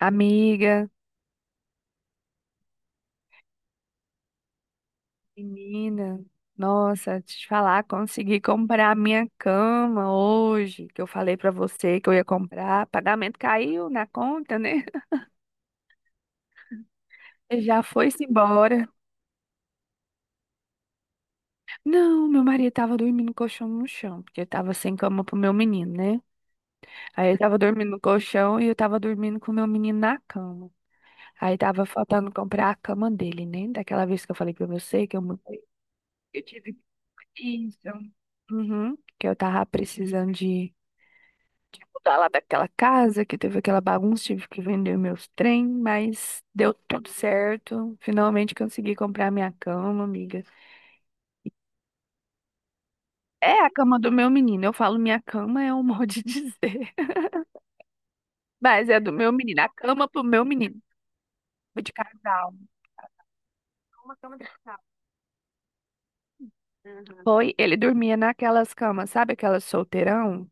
Amiga, menina, nossa, te falar, consegui comprar a minha cama hoje, que eu falei pra você que eu ia comprar. Pagamento caiu na conta, né? Ele já foi-se embora. Não, meu marido tava dormindo no colchão no chão, porque eu tava sem cama pro meu menino, né? Aí ele tava dormindo no colchão e eu tava dormindo com o meu menino na cama. Aí tava faltando comprar a cama dele, né? Daquela vez que eu falei pra você que eu mudei. Eu tive Isso. Uhum, que eu tava precisando de mudar lá daquela casa, que teve aquela bagunça, tive que vender meus trem, mas deu tudo certo. Finalmente consegui comprar minha cama, amiga. É a cama do meu menino. Eu falo minha cama é um modo de dizer, mas é do meu menino. A cama pro meu menino. Foi de casal. Uma cama de casal. Uhum. Foi, ele dormia naquelas camas, sabe aquelas solteirão?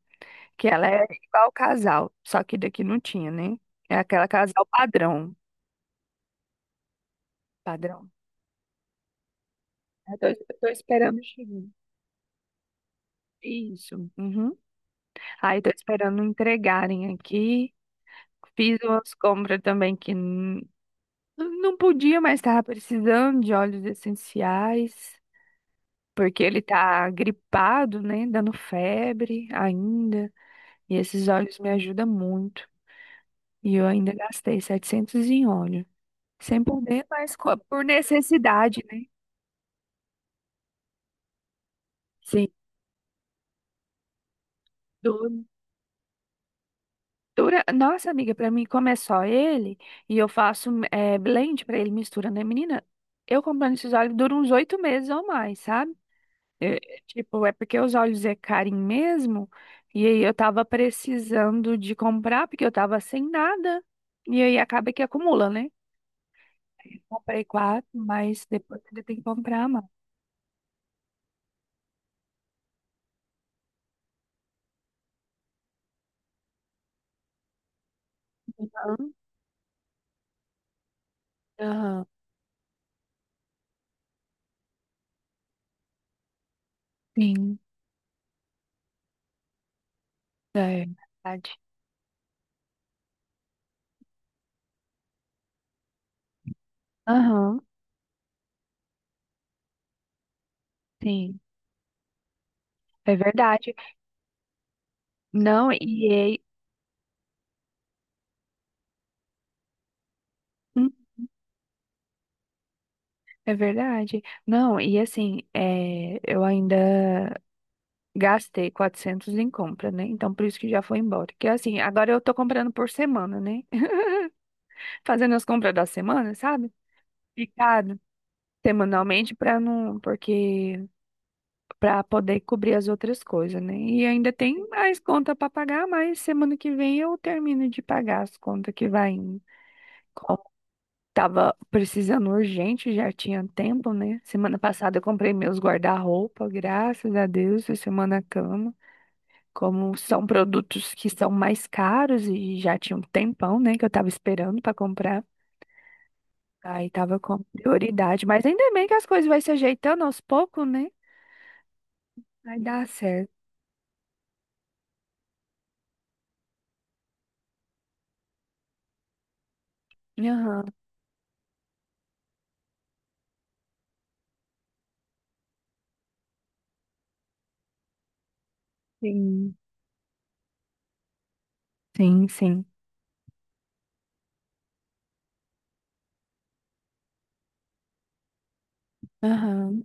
Que ela é igual casal, só que daqui não tinha, né? É aquela casal padrão. Padrão. Eu tô esperando chegar. Isso. Uhum. Ai, tô esperando entregarem aqui. Fiz umas compras também que não podia, mas tava precisando de óleos essenciais, porque ele tá gripado, né? Dando febre ainda. E esses óleos me ajudam muito. E eu ainda gastei 700 em óleo. Sem poder, mas por necessidade, né? Sim. Dura. Nossa, amiga, pra mim, como é só ele, e eu faço blend pra ele, mistura, né, menina? Eu comprando esses óleos dura uns 8 meses ou mais, sabe? É, tipo, é porque os óleos é carinho mesmo, e aí eu tava precisando de comprar, porque eu tava sem nada, e aí acaba que acumula, né? Comprei quatro, mas depois ainda tem que comprar mais. Aham, sim, é verdade. Aham, sim, é verdade. Não, e aí. É verdade. Não, e assim, é, eu ainda gastei 400 em compra, né? Então, por isso que já foi embora. Que assim, agora eu tô comprando por semana, né? Fazendo as compras da semana, sabe? Picado semanalmente para não, porque para poder cobrir as outras coisas, né? E ainda tem mais conta para pagar, mas semana que vem eu termino de pagar as contas que vai indo. Tava precisando urgente, já tinha tempo, né? Semana passada eu comprei meus guarda-roupa, graças a Deus, e semana cama. Como são produtos que são mais caros e já tinha um tempão, né, que eu tava esperando para comprar. Aí tava com prioridade, mas ainda bem que as coisas vai se ajeitando aos poucos, né? Vai dar certo. Aham, sim, sim, sim. Aham,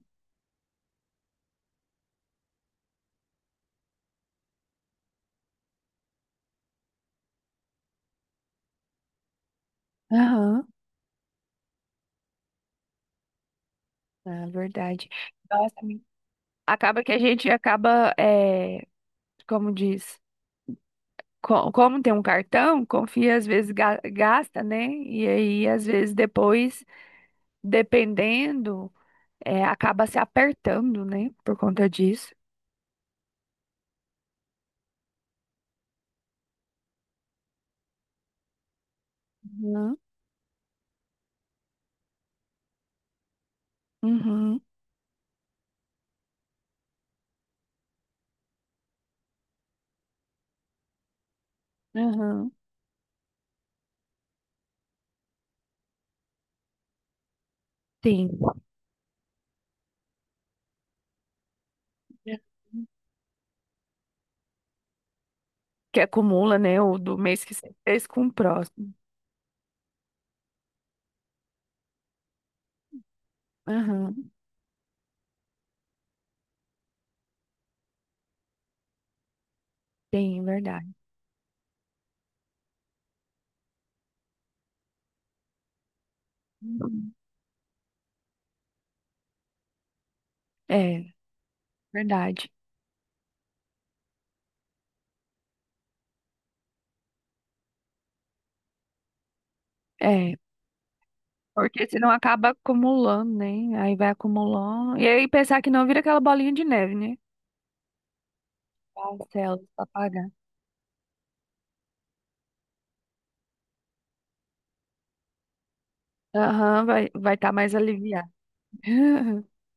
aham, é verdade. Nossa, acaba que a gente acaba, é, como diz. Como tem um cartão, confia, às vezes gasta, né? E aí, às vezes, depois, dependendo, é, acaba se apertando, né? Por conta disso. Uhum. Uhum. Uhum. Sim. Que acumula, né? O do mês que você fez com o próximo. Aham. Sim, verdade. Uhum. É, verdade. É. Porque senão acaba acumulando, né? Aí vai acumulando. E aí pensar que não vira aquela bolinha de neve, né? Parcelas pra pagar. Aham, vai estar mais aliviado.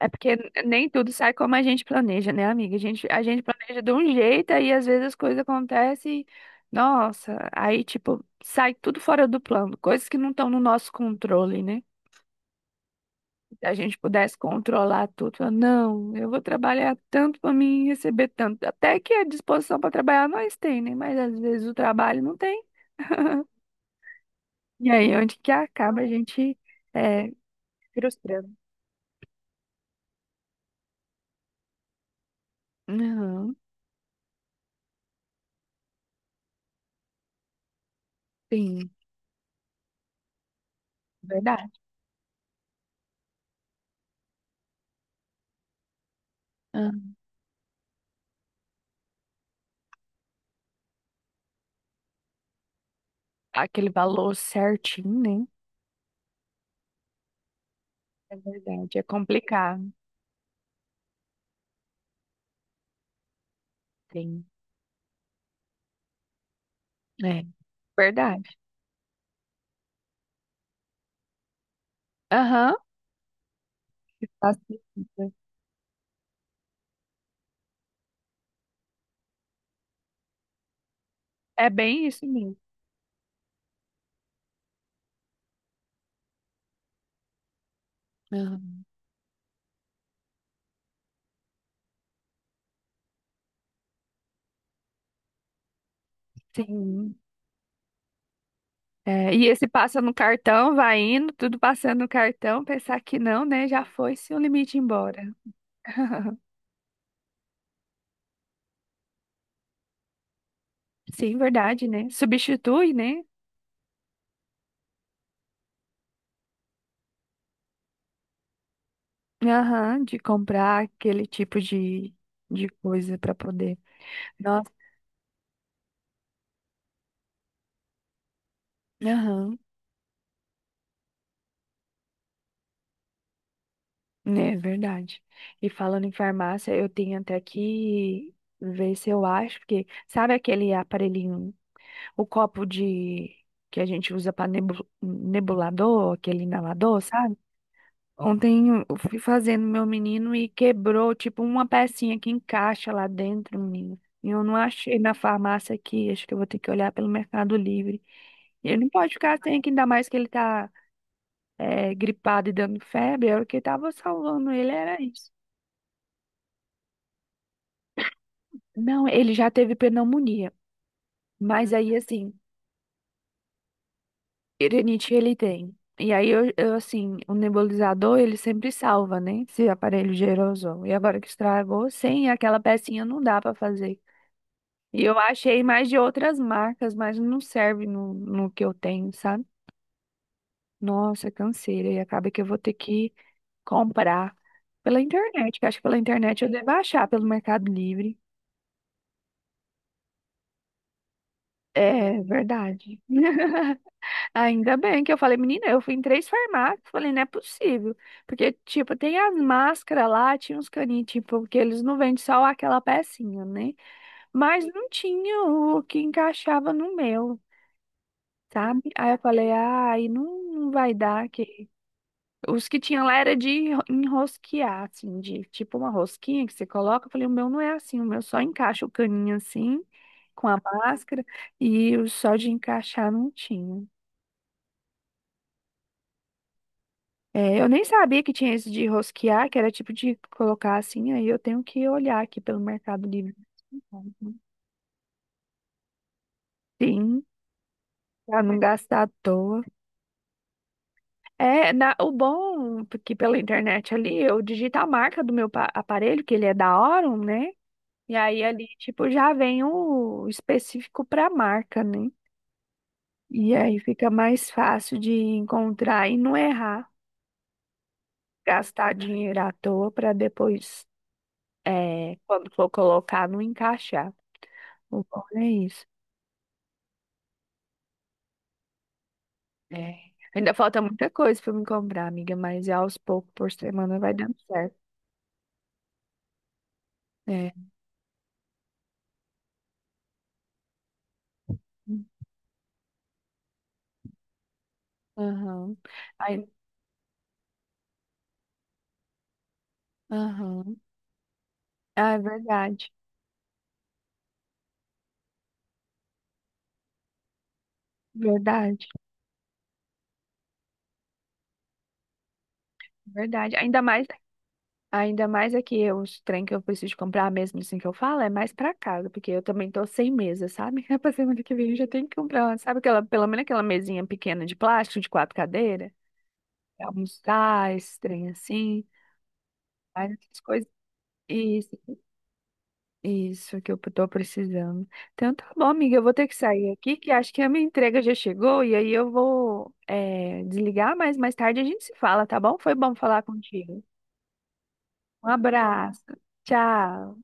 É porque nem tudo sai como a gente planeja, né, amiga? A gente planeja de um jeito, aí às vezes as coisas acontecem, e, nossa, aí tipo, sai tudo fora do plano, coisas que não estão no nosso controle, né? Se a gente pudesse controlar tudo, falar, não, eu vou trabalhar tanto para mim receber tanto. Até que a disposição para trabalhar nós tem, né? Mas às vezes o trabalho não tem. E aí onde que acaba a gente é, frustrando. Aham, sim, verdade. Ah, aquele valor certinho, né? É verdade, é complicado. Sim. É, verdade. Aham. Facilita. É bem isso mesmo. Aham. Sim. É, e esse passa no cartão, vai indo, tudo passando no cartão, pensar que não, né? Já foi se o limite embora. Sim, verdade, né? Substitui, né? Aham, de comprar aquele tipo de coisa para poder. Nossa, aham. É verdade. E falando em farmácia, eu tenho até que ver se eu acho, porque sabe aquele aparelhinho, o copo de que a gente usa para nebulador, aquele inalador, sabe? Ontem eu fui fazendo meu menino e quebrou, tipo, uma pecinha que encaixa lá dentro, menino. E eu não achei na farmácia aqui, acho que eu vou ter que olhar pelo Mercado Livre. E ele não pode ficar sem, que ainda mais que ele tá gripado e dando febre, era o que tava salvando ele, era isso. Não, ele já teve pneumonia, mas aí assim, rinite ele tem. E aí assim, o nebulizador ele sempre salva, né? Esse aparelho de aerosol. E agora que estragou, sem aquela pecinha não dá pra fazer. E eu achei mais de outras marcas, mas não serve no que eu tenho, sabe? Nossa, canseira. E acaba que eu vou ter que comprar pela internet, que acho que pela internet eu devo achar pelo Mercado Livre. É verdade. Ainda bem que eu falei, menina, eu fui em três farmácias, falei, não é possível. Porque, tipo, tem as máscaras lá, tinha uns caninhos, tipo, porque eles não vendem só aquela pecinha, né? Mas não tinha o que encaixava no meu, sabe? Aí eu falei, ai, não, não vai dar. Que. Os que tinha lá era de enrosquear, assim, de tipo uma rosquinha que você coloca. Eu falei, o meu não é assim, o meu só encaixa o caninho assim, com a máscara, e o só de encaixar não tinha. É, eu nem sabia que tinha isso de rosquear, que era tipo de colocar assim, aí eu tenho que olhar aqui pelo Mercado Livre. Sim, pra não gastar à toa. É, o bom porque pela internet ali, eu digito a marca do meu aparelho, que ele é da Orum, né? E aí ali, tipo, já vem o específico pra marca, né? E aí fica mais fácil de encontrar e não errar, gastar dinheiro à toa pra depois, é, quando for colocar, não encaixar. O bom é isso. É. Ainda falta muita coisa pra eu me comprar, amiga, mas aos poucos por semana vai dando certo. É. Aham. Aí- aham. Ah, é verdade. Verdade. Verdade. Ainda mais é que os trem que eu preciso comprar mesmo, assim que eu falo, é mais pra casa, porque eu também tô sem mesa, sabe? É pra semana que vem eu já tenho que comprar, uma, sabe aquela, pelo menos aquela mesinha pequena de plástico de quatro cadeiras, pra almoçar, esse trem assim, mais essas coisas. Isso. Isso que eu tô precisando. Então tá bom, amiga, eu vou ter que sair aqui, que acho que a minha entrega já chegou, e aí eu vou desligar, mas mais tarde a gente se fala, tá bom? Foi bom falar contigo. Um abraço. Tchau.